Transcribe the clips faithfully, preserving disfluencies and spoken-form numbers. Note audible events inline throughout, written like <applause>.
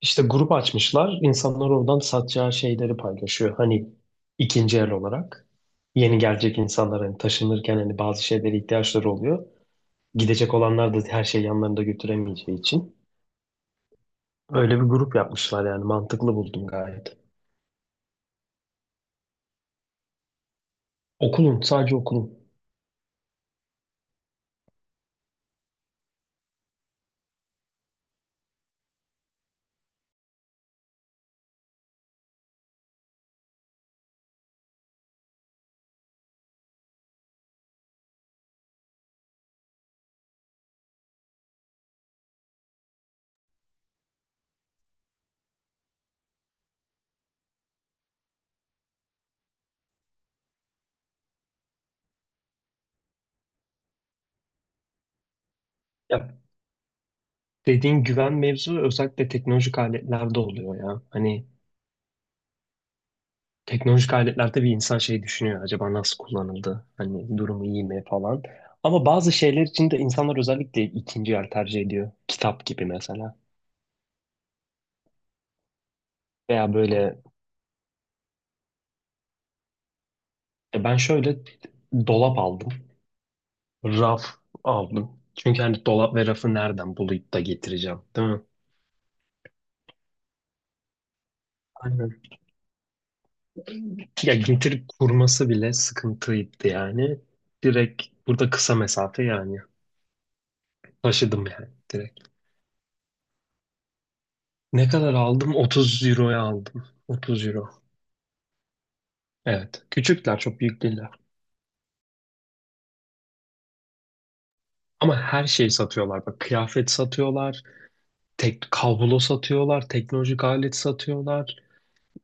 İşte grup açmışlar. İnsanlar oradan satacağı şeyleri paylaşıyor. Hani ikinci el olarak. Yeni gelecek insanlar hani taşınırken hani bazı şeylere ihtiyaçları oluyor. Gidecek olanlar da her şeyi yanlarında götüremeyeceği için. Öyle bir grup yapmışlar yani mantıklı buldum gayet. Okulun, sadece okulun. Ya, dediğin güven mevzu özellikle teknolojik aletlerde oluyor ya. Hani teknolojik aletler tabii insan şey düşünüyor. Acaba nasıl kullanıldı? Hani durumu iyi mi falan. Ama bazı şeyler için de insanlar özellikle ikinci yer tercih ediyor. Kitap gibi mesela. Veya böyle e, ben şöyle dolap aldım. Raf aldım. Çünkü hani dolap ve rafı nereden bulup da getireceğim, değil mi? Aynen. Ya getirip kurması bile sıkıntıydı yani. Direkt burada kısa mesafe yani. Taşıdım yani direkt. Ne kadar aldım? otuz euroya aldım. otuz euro. Evet. Küçükler, çok büyük değiller. Ama her şeyi satıyorlar. Bak, kıyafet satıyorlar, tek kablo satıyorlar, teknolojik alet satıyorlar.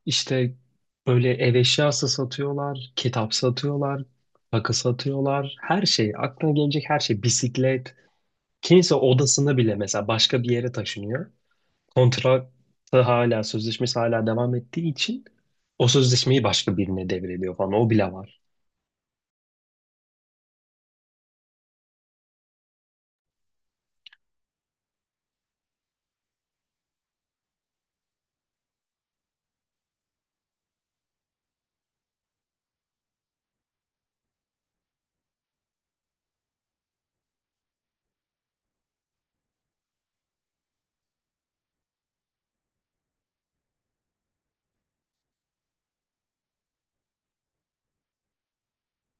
İşte böyle ev eşyası satıyorlar, kitap satıyorlar, takı satıyorlar. Her şey, aklına gelecek her şey. Bisiklet. Kimse odasını bile, mesela başka bir yere taşınıyor. Kontratı hala, sözleşmesi hala devam ettiği için o sözleşmeyi başka birine devrediyor falan. O bile var.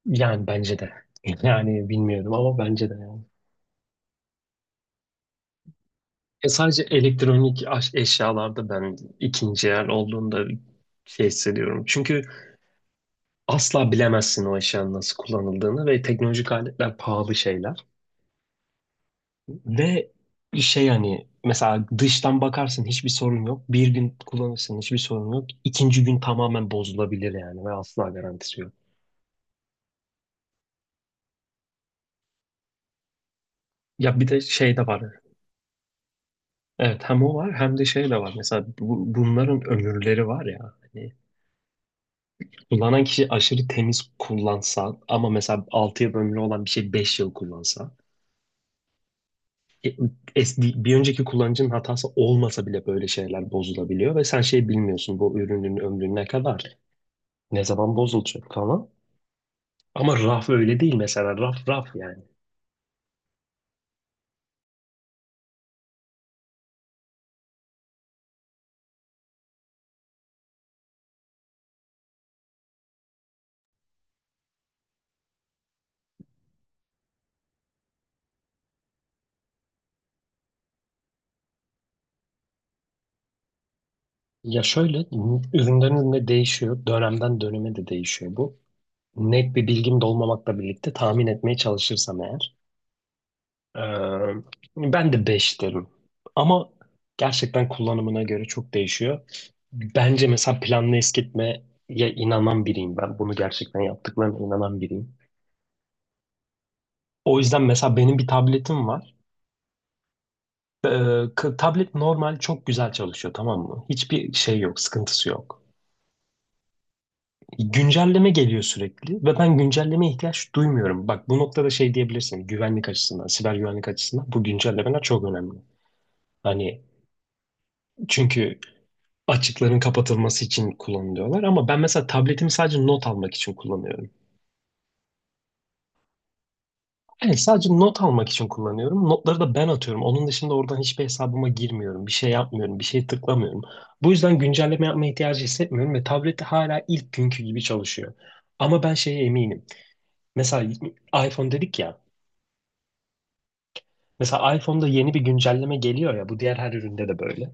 Yani bence de. <laughs> Yani bilmiyorum ama bence de yani. Ya sadece elektronik aş- eşyalarda ben ikinci el olduğunda şey hissediyorum. Çünkü asla bilemezsin o eşyanın nasıl kullanıldığını ve teknolojik aletler pahalı şeyler. Ve şey, hani mesela dıştan bakarsın hiçbir sorun yok. Bir gün kullanırsın hiçbir sorun yok. İkinci gün tamamen bozulabilir yani ve asla garantisi yok. Ya bir de şey de var. Evet, hem o var hem de şey de var. Mesela bu- bunların ömürleri var ya. Hani kullanan kişi aşırı temiz kullansa ama mesela altı yıl ömrü olan bir şey beş yıl kullansa, e, es- bir önceki kullanıcının hatası olmasa bile böyle şeyler bozulabiliyor ve sen şey bilmiyorsun, bu ürünün ömrü ne kadar, ne zaman bozulacak falan. Ama raf öyle değil, mesela raf raf yani. Ya şöyle, üründen ürüne değişiyor, dönemden döneme de değişiyor bu. Net bir bilgim de olmamakla birlikte tahmin etmeye çalışırsam eğer, Ee, ben de beş derim. Ama gerçekten kullanımına göre çok değişiyor. Bence mesela planlı eskitmeye inanan biriyim ben. Bunu gerçekten yaptıklarına inanan biriyim. O yüzden mesela benim bir tabletim var. Ee, k- tablet normal çok güzel çalışıyor, tamam mı? Hiçbir şey yok, sıkıntısı yok. Güncelleme geliyor sürekli ve ben güncellemeye ihtiyaç duymuyorum. Bak, bu noktada şey diyebilirsin, güvenlik açısından, siber güvenlik açısından bu güncellemeler çok önemli. Hani çünkü açıkların kapatılması için kullanılıyorlar. Ama ben mesela tabletimi sadece not almak için kullanıyorum. Yani sadece not almak için kullanıyorum. Notları da ben atıyorum. Onun dışında oradan hiçbir hesabıma girmiyorum. Bir şey yapmıyorum. Bir şey tıklamıyorum. Bu yüzden güncelleme yapma ihtiyacı hissetmiyorum ve tablette hala ilk günkü gibi çalışıyor. Ama ben şeye eminim. Mesela iPhone dedik ya. Mesela iPhone'da yeni bir güncelleme geliyor ya. Bu diğer her üründe de böyle.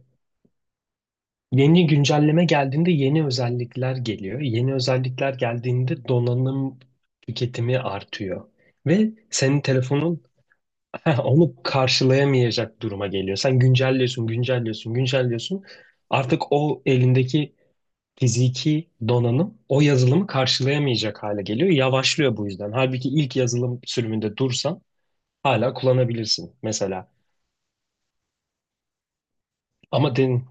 Yeni güncelleme geldiğinde yeni özellikler geliyor. Yeni özellikler geldiğinde donanım tüketimi artıyor. Ve senin telefonun <laughs> onu karşılayamayacak duruma geliyor. Sen güncelliyorsun, güncelliyorsun, güncelliyorsun. Artık o elindeki fiziki donanım o yazılımı karşılayamayacak hale geliyor. Yavaşlıyor bu yüzden. Halbuki ilk yazılım sürümünde dursan hala kullanabilirsin mesela. Ama den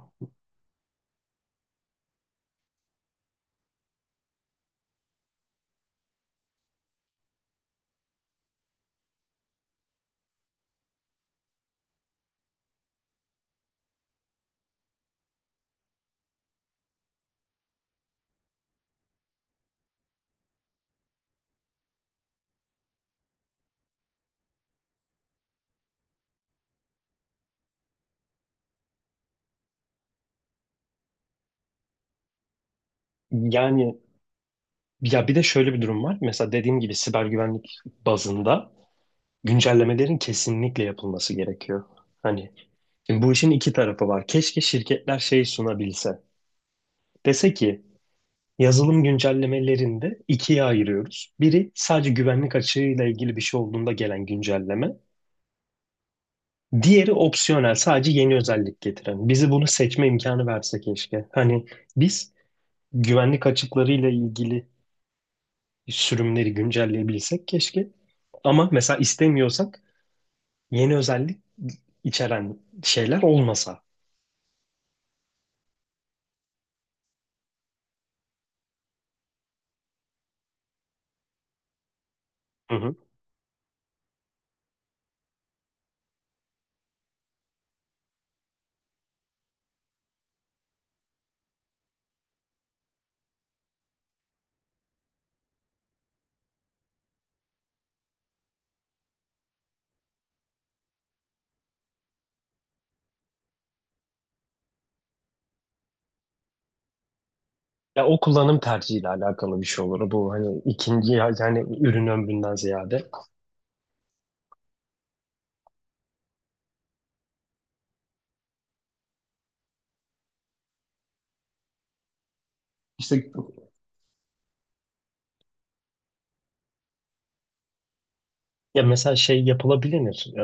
yani. Ya bir de şöyle bir durum var. Mesela dediğim gibi siber güvenlik bazında güncellemelerin kesinlikle yapılması gerekiyor. Hani şimdi bu işin iki tarafı var. Keşke şirketler şey sunabilse. Dese ki yazılım güncellemelerinde ikiye ayırıyoruz. Biri sadece güvenlik açığıyla ilgili bir şey olduğunda gelen güncelleme. Diğeri opsiyonel, sadece yeni özellik getiren. Bizi bunu seçme imkanı verse keşke. Hani biz güvenlik açıklarıyla ilgili sürümleri güncelleyebilsek keşke. Ama mesela istemiyorsak yeni özellik içeren şeyler olmasa. Hı hı. Ya o kullanım tercihiyle alakalı bir şey olur. Bu hani ikinci ya- yani ürün ömründen ziyade. İşte ya mesela şey yapılabilir. Ee,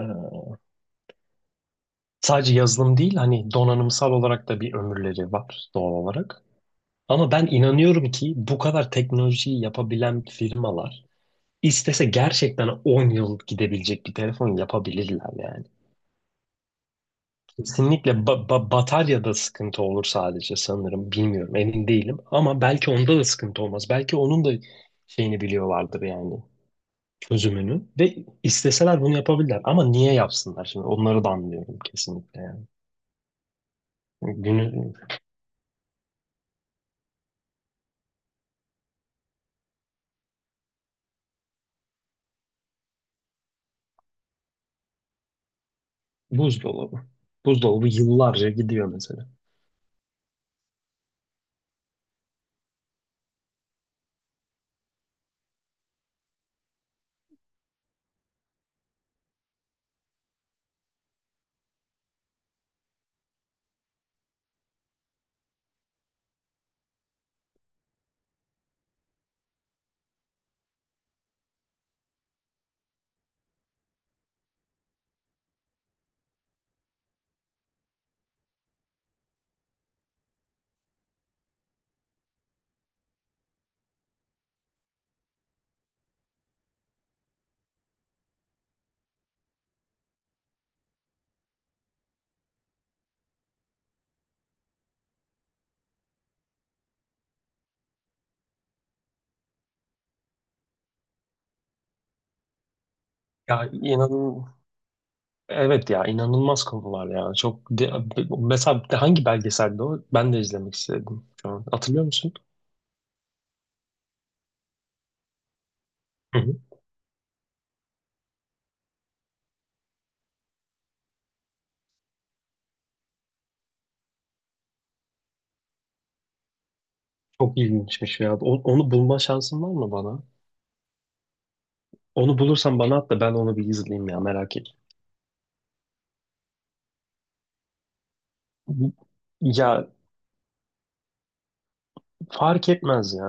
sadece yazılım değil, hani donanımsal olarak da bir ömürleri var doğal olarak. Ama ben inanıyorum ki bu kadar teknolojiyi yapabilen firmalar istese gerçekten on yıl gidebilecek bir telefon yapabilirler yani. Kesinlikle ba ba- bataryada sıkıntı olur sadece sanırım. Bilmiyorum, emin değilim. Ama belki onda da sıkıntı olmaz. Belki onun da şeyini biliyorlardır yani, çözümünü. Ve isteseler bunu yapabilirler. Ama niye yapsınlar şimdi? Onları da anlıyorum kesinlikle yani. Günü buzdolabı. Buzdolabı yıllarca gidiyor mesela. Ya inan, evet ya inanılmaz konular ya. Çok de- mesela hangi belgeselde o? Ben de izlemek istedim şu an. Hatırlıyor musun? Hı hı. Çok ilginçmiş ya. O- Onu bulma şansın var mı bana? Onu bulursan bana at da ben onu bir izleyeyim ya, merak et. Ya fark etmez ya.